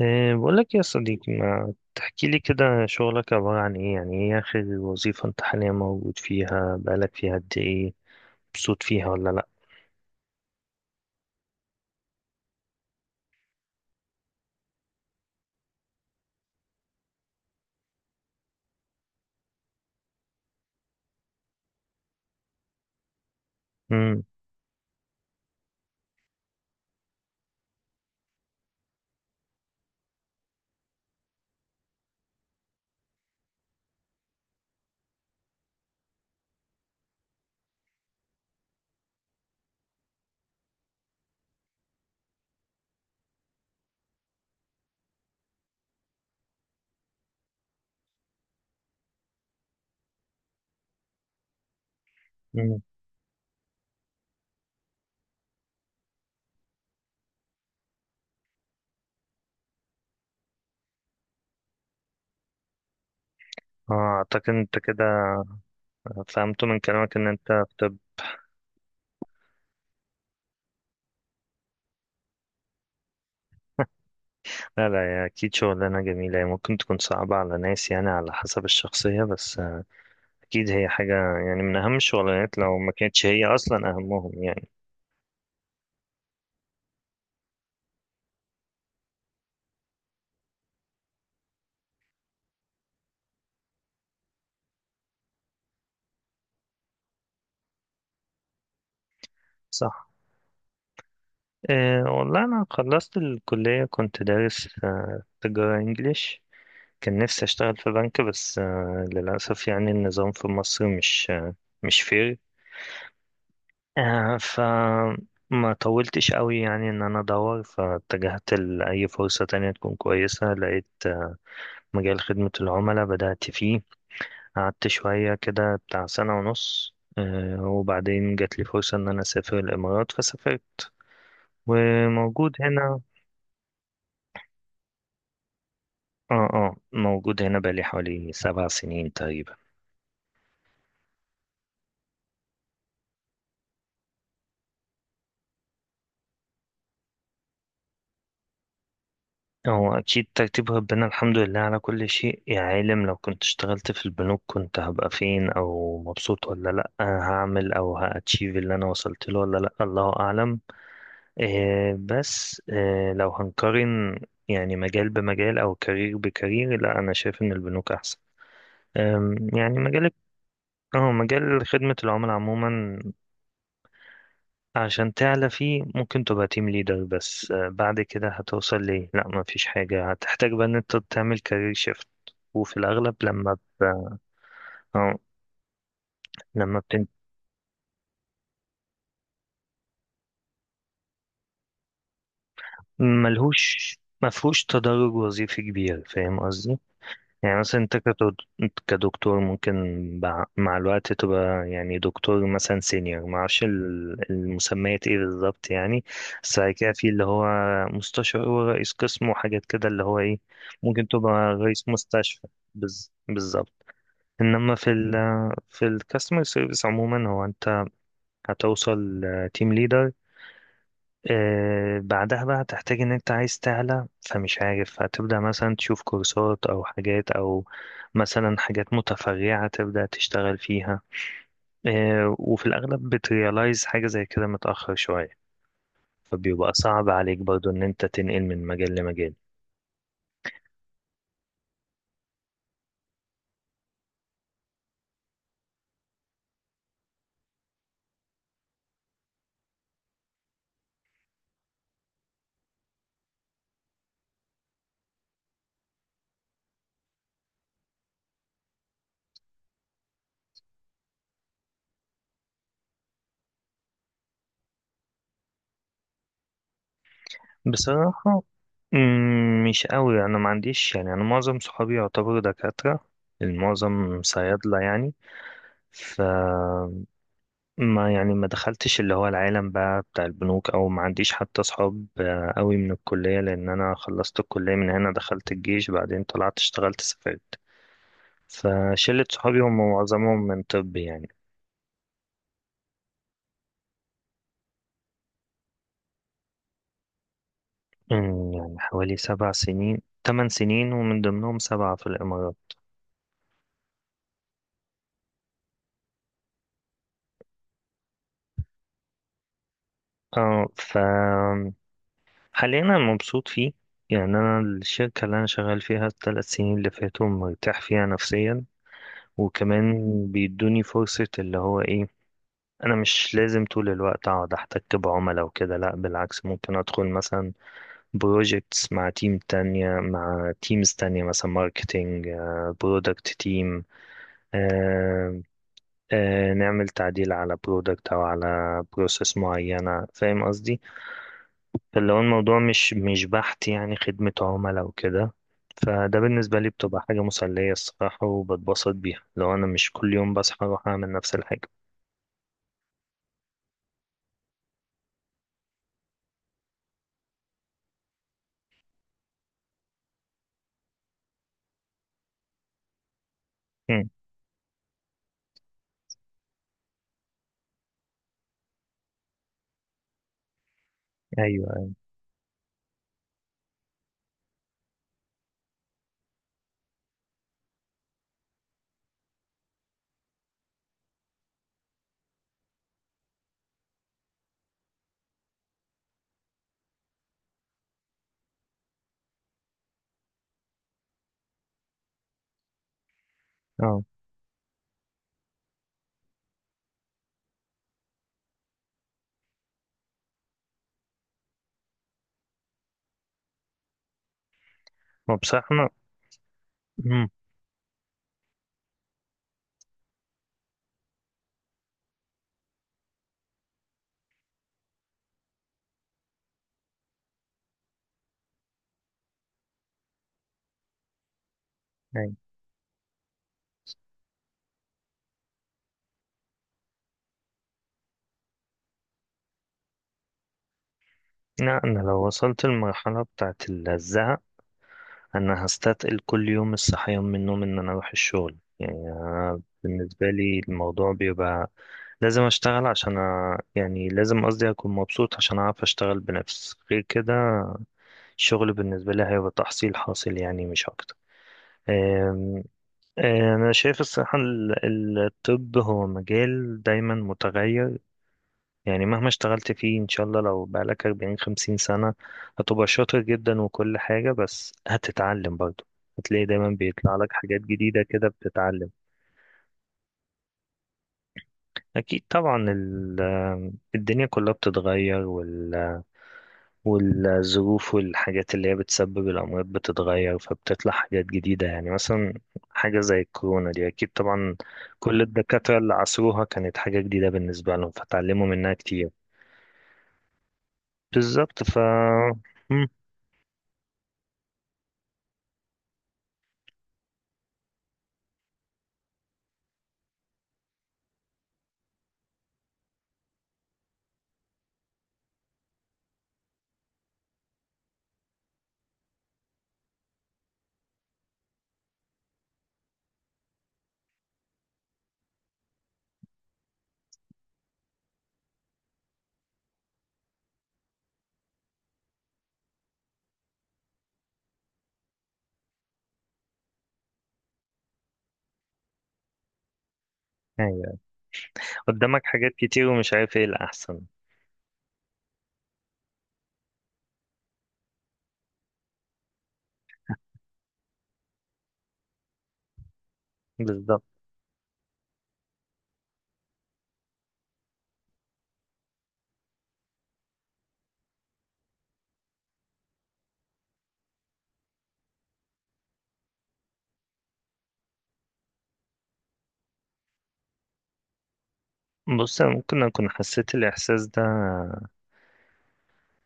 إيه، بقول لك يا صديقي ما تحكي لي كده شغلك عبارة عن ايه؟ يعني ايه اخر وظيفة انت حاليا موجود فيها؟ بقالك فيها قد ايه؟ مبسوط فيها ولا لا؟ امم. امم. اه، اعتقد انت كده فهمت من كلامك ان انت في طب. لا لا، يا اكيد شغلانة جميلة، هي ممكن تكون صعبة على ناس يعني على حسب الشخصية، بس اكيد هي حاجة يعني من اهم الشغلانات لو ما كانتش هي اصلا اهمهم يعني. صح. إيه والله انا خلصت الكلية، كنت دارس تجارة انجليش. كان نفسي اشتغل في بنك بس للاسف، يعني النظام في مصر مش فير. آه، ف ما طولتش قوي يعني ان انا ادور، فاتجهت لاي فرصة تانية تكون كويسة، لقيت مجال خدمة العملاء بدأت فيه. قعدت شوية كده بتاع سنة ونص، وبعدين جات لي فرصة ان انا اسافر الامارات فسافرت وموجود هنا. اه اه، موجود هنا بقالي حوالي 7 سنين تقريبا. هو أكيد ترتيب ربنا، الحمد لله على كل شيء. يا عالم لو كنت اشتغلت في البنوك كنت هبقى فين؟ أو مبسوط ولا لأ؟ هعمل أو هأتشيف اللي أنا وصلت له ولا لأ؟ الله أعلم. إيه بس إيه، لو هنقارن يعني مجال بمجال أو كارير بكارير، لأ أنا شايف إن البنوك أحسن. يعني مجال. اه، مجال خدمة العملاء عموما عشان تعلى فيه ممكن تبقى تيم ليدر، بس بعد كده هتوصل ليه لا مفيش حاجة، هتحتاج بقى ان انت تعمل كارير شيفت. وفي الاغلب آه، لما بتن... ملهوش مفهوش تدرج وظيفي كبير، فاهم قصدي؟ يعني مثلا انت كدكتور ممكن مع الوقت تبقى يعني دكتور مثلا سينيور، معرفش المسميات ايه بالظبط يعني، بس بعد كده في اللي هو مستشار ورئيس قسم وحاجات كده اللي هو ايه، ممكن تبقى رئيس مستشفى. بالظبط. انما في الكاستمر سيرفيس عموما هو انت هتوصل تيم ليدر، بعدها بقى هتحتاج ان انت عايز تعلى، فمش عارف هتبدأ مثلا تشوف كورسات او حاجات او مثلا حاجات متفرعة تبدأ تشتغل فيها. وفي الاغلب بتريالايز حاجة زي كده متأخر شوية، فبيبقى صعب عليك برضو ان انت تنقل من مجال لمجال. بصراحة مش قوي، انا ما عنديش، يعني انا معظم صحابي يعتبروا دكاترة، المعظم صيادلة يعني. ف ما يعني ما دخلتش اللي هو العالم بقى بتاع البنوك، او ما عنديش حتى اصحاب قوي من الكلية، لان انا خلصت الكلية من هنا دخلت الجيش بعدين طلعت اشتغلت سافرت، فشلة صحابي هم معظمهم من طب يعني. يعني حوالي 7 سنين، 8 سنين ومن ضمنهم 7 في الامارات. اه، حاليا انا مبسوط فيه. يعني انا الشركة اللي انا شغال فيها ال 3 سنين اللي فاتوا مرتاح فيها نفسيا، وكمان بيدوني فرصة اللي هو ايه، انا مش لازم طول الوقت اقعد احتك بعملاء وكده، لا بالعكس ممكن ادخل مثلا بروجكتس مع تيم تانية، مع تيمز تانية، مثلا ماركتينج، برودكت تيم، نعمل تعديل على برودكت او على بروسيس معينة، فاهم قصدي؟ فاللي هو الموضوع مش بحت يعني خدمة عملاء وكده. فده بالنسبة لي بتبقى حاجة مسلية الصراحة، وبتبسط بيها لو أنا مش كل يوم بصحى أروح أعمل نفس الحاجة. مم. أيوه أيوة. اه، هو بصراحة، أنا، أي. لا، أنا لو وصلت المرحلة بتاعت الزهق أنا هستثقل كل يوم الصحيان من النوم إن أنا أروح الشغل. يعني أنا بالنسبة لي الموضوع بيبقى لازم أشتغل يعني لازم قصدي أكون مبسوط عشان أعرف أشتغل بنفسي، غير كده الشغل بالنسبة لي هيبقى تحصيل حاصل يعني مش أكتر. أم- أنا شايف الصحة الطب هو مجال دايما متغير، يعني مهما اشتغلت فيه ان شاء الله لو بقالك 40 50 سنة هتبقى شاطر جدا وكل حاجة، بس هتتعلم برضه، هتلاقي دايما بيطلع لك حاجات جديدة كده بتتعلم. اكيد طبعا الدنيا كلها بتتغير، والظروف والحاجات اللي هي بتسبب الأمراض بتتغير، فبتطلع حاجات جديدة، يعني مثلا حاجة زي الكورونا دي أكيد طبعا كل الدكاترة اللي عصروها كانت حاجة جديدة بالنسبة لهم فتعلموا منها كتير. بالظبط. مم. يعني قدامك حاجات كتير ومش عارف ايه الأحسن. بالظبط. بص أنا ممكن أكون حسيت الإحساس ده،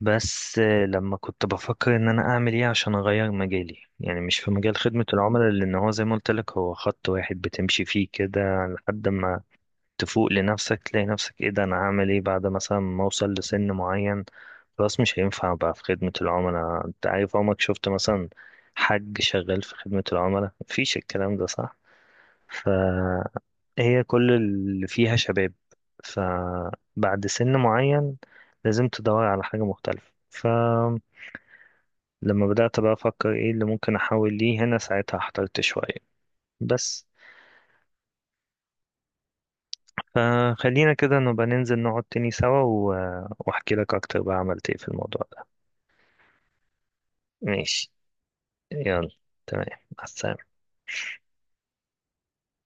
بس لما كنت بفكر إن أنا أعمل إيه عشان أغير مجالي، يعني مش في مجال خدمة العملاء، لأن هو زي ما قلت لك هو خط واحد بتمشي فيه كده لحد ما تفوق لنفسك، تلاقي نفسك إيه ده؟ أنا هعمل إيه بعد مثلا ما أوصل لسن معين؟ خلاص مش هينفع بقى في خدمة العملاء. أنت عارف عمرك شفت مثلا حد شغال في خدمة العملاء؟ مفيش الكلام ده، صح؟ هي كل اللي فيها شباب، فبعد سن معين لازم تدور على حاجة مختلفة. فلما بدأت بقى أفكر إيه اللي ممكن أحاول ليه، هنا ساعتها احترت شوية بس. فخلينا كده نبقى ننزل نقعد تاني سوا وأحكي لك أكتر بقى عملت إيه في الموضوع ده. ماشي. يلا. تمام. مع السلامة.